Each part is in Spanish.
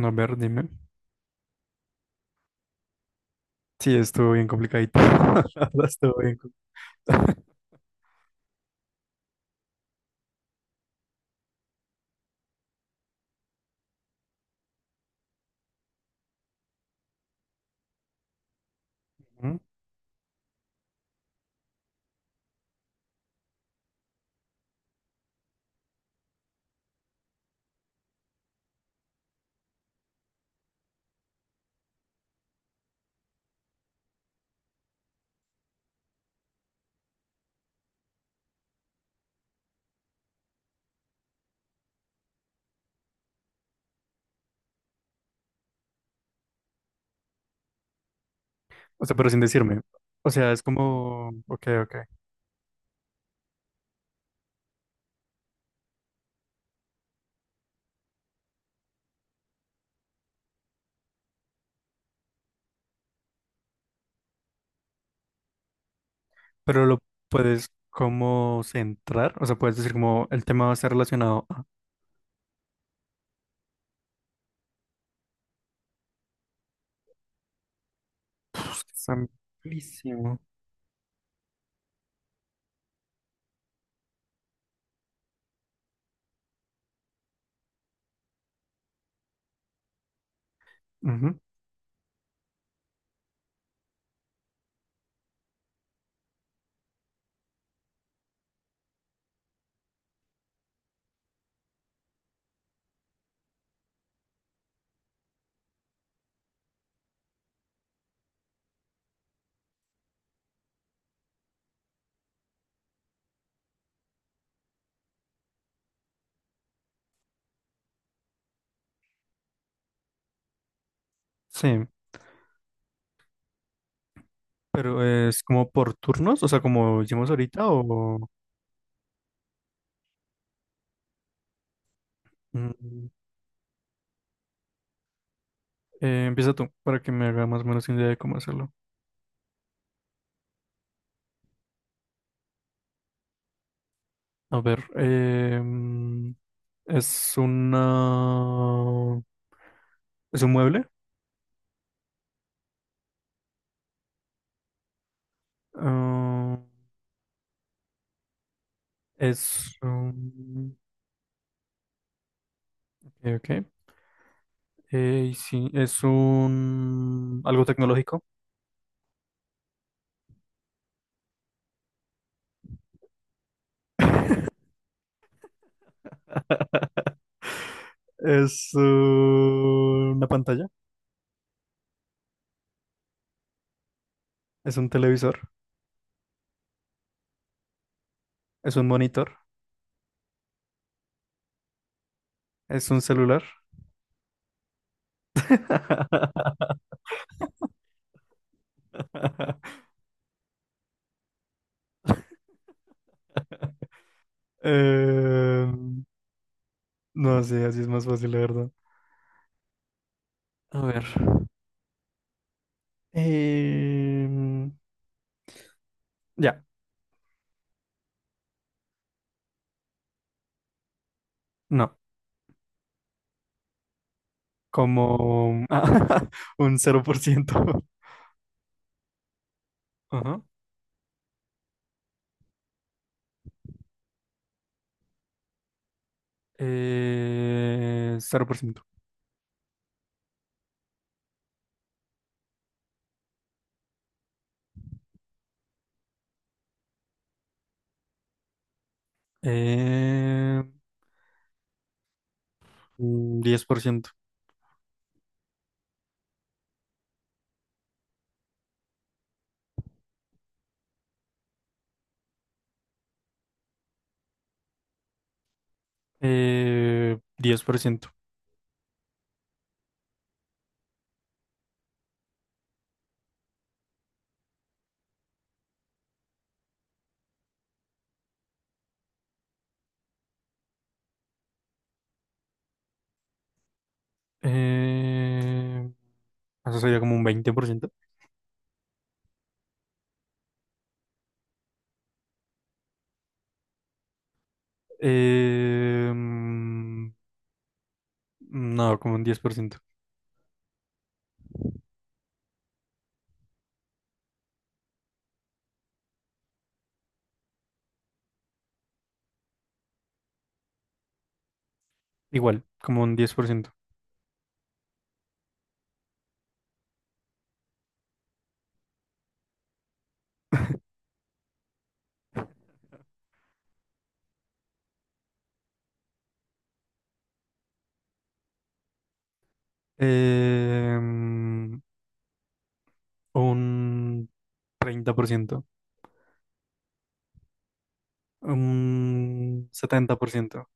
No, a ver, dime. Sí, estuvo bien complicadito. La verdad, estuvo bien complicado. Ujú. O sea, pero sin decirme. O sea, es como, ok, ok. Pero lo puedes como centrar. O sea, puedes decir como el tema va a estar relacionado. Ah, está amplísimo. Ujú. Sí. Pero es como por turnos, o sea, como hicimos ahorita, o mm, empieza tú para que me haga más o menos una idea de cómo hacerlo. A ver, es una, es un mueble. ah, es un, ok, ok. Y sí, es un algo tecnológico. Es una pantalla, es un televisor, es un monitor, es un celular. Eh, no sé, así es más fácil, la verdad. A ver. Em, ya, no. Como un 0%. Ajá. 0%. Eh, 10%. 10%. Eh, Eso sería como un 20%. Eh, mm, no, como un 10%. Igual, como un 10%. Em, un 30%, un 70%,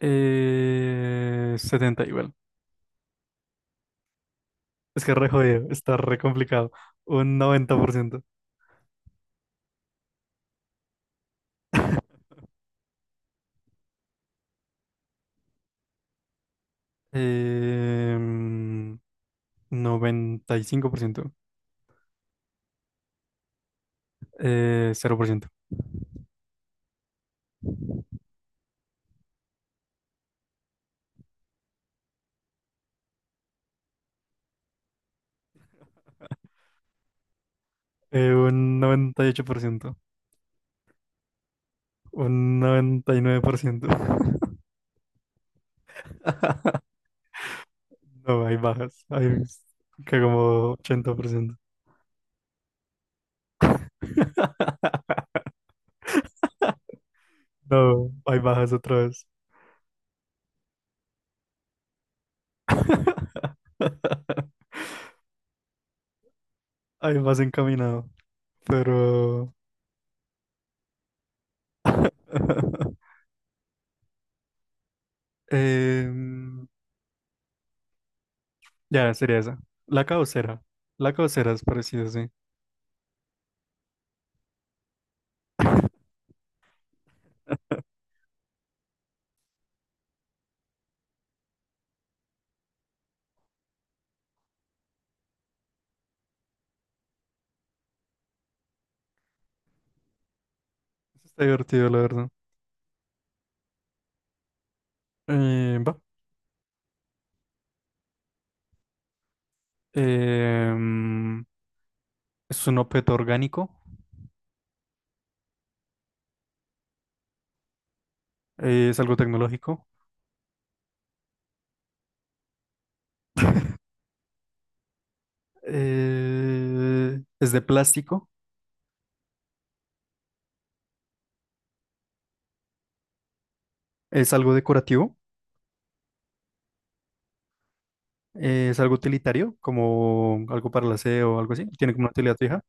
70 igual. Es que re jodido, está re complicado. Un 90%, em, 95%, 0%, un 98%, un 99%. No, hay bajas, hay que como 80%. No, ahí bajas otra vez. Ahí vas encaminado. Pero. em, ya, sería esa. La caucera. La caucera es parecida, sí. Está divertido, la verdad. Va. Em, es un objeto orgánico. Es algo tecnológico. Es de plástico. Es algo decorativo. Es algo utilitario, como algo para el aseo o algo así. Tiene como una utilidad fija.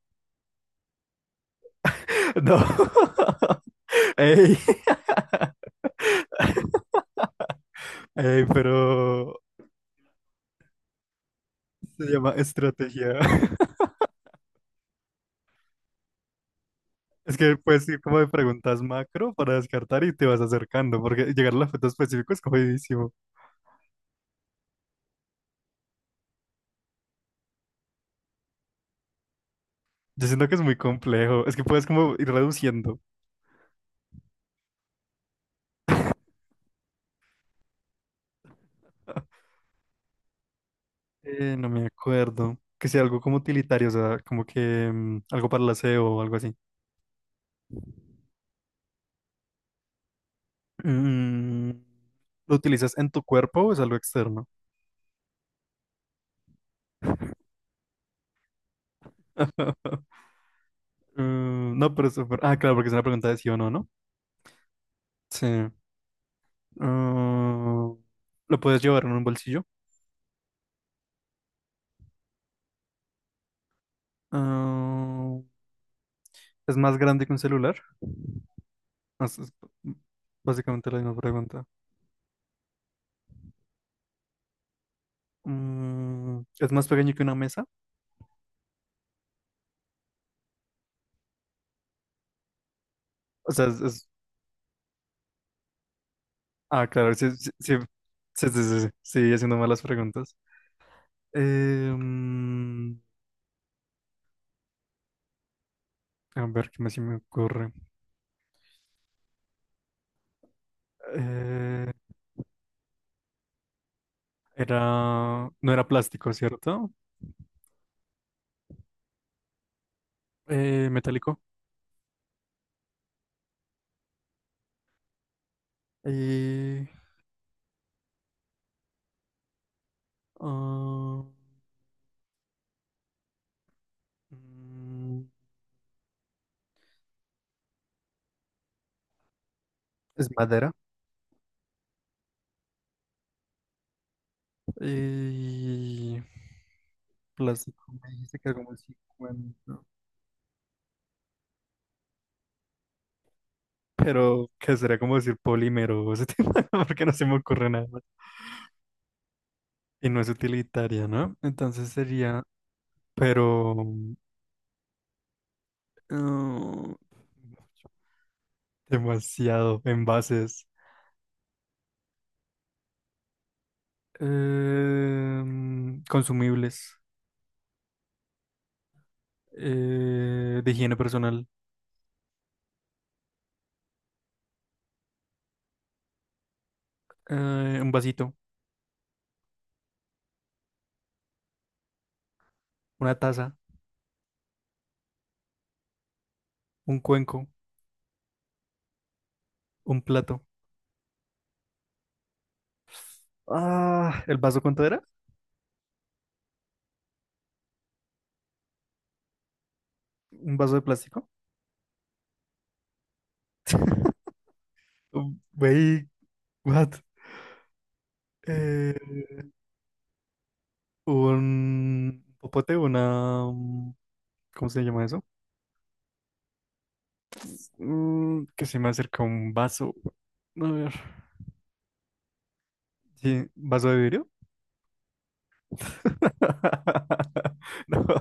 No. Ey. Ey, pero se llama estrategia. Es que puedes ir como de preguntas macro para descartar y te vas acercando, porque llegar a al objeto específico es jodidísimo. Yo siento que es muy complejo. Es que puedes como ir reduciendo. No me acuerdo. Que sea algo como utilitario, o sea, como que algo para el aseo o algo así. Mm, ¿Lo utilizas en tu cuerpo o es algo externo? No, pero ah, claro, porque es una pregunta de sí o no, ¿no? Sí. Mm, ¿Lo puedes llevar en un bolsillo? Ah, ¿es más grande que un celular? Es básicamente la misma pregunta. ¿Es más pequeño que una mesa? O sea, ah, claro, sí, sí, sí, sí, sí, sí, sí, sigue haciendo malas preguntas. Eh, mm, a ver, ¿qué más se me ocurre? Eh, No era plástico, ¿cierto? Metálico. Y... ah, mm, ¿Es madera? Y plástico me dijiste que era como 50, pero que sería como decir polímero o ese tipo, porque no se me ocurre nada más. Y no es utilitaria, ¿no? Entonces sería, pero mm, demasiado envases, consumibles, de higiene personal, eh, un vasito, una taza, un cuenco, un plato. Ah, ¿el vaso cuánto era? ¿Un vaso de plástico? Güey, what? Eh, un popote, ¿cómo se llama eso? Que se me acerca un vaso. A ver. Sí, ¿vaso de vidrio? No.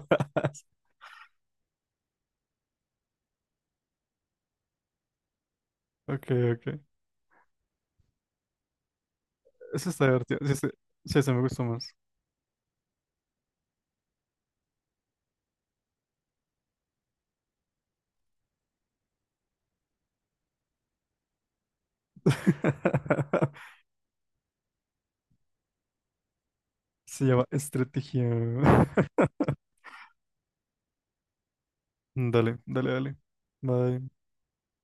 Ok, ok. Eso está divertido. Sí, sí, sí, ese me gustó más. Se llama estrategia. Dale, dale, dale. Bye.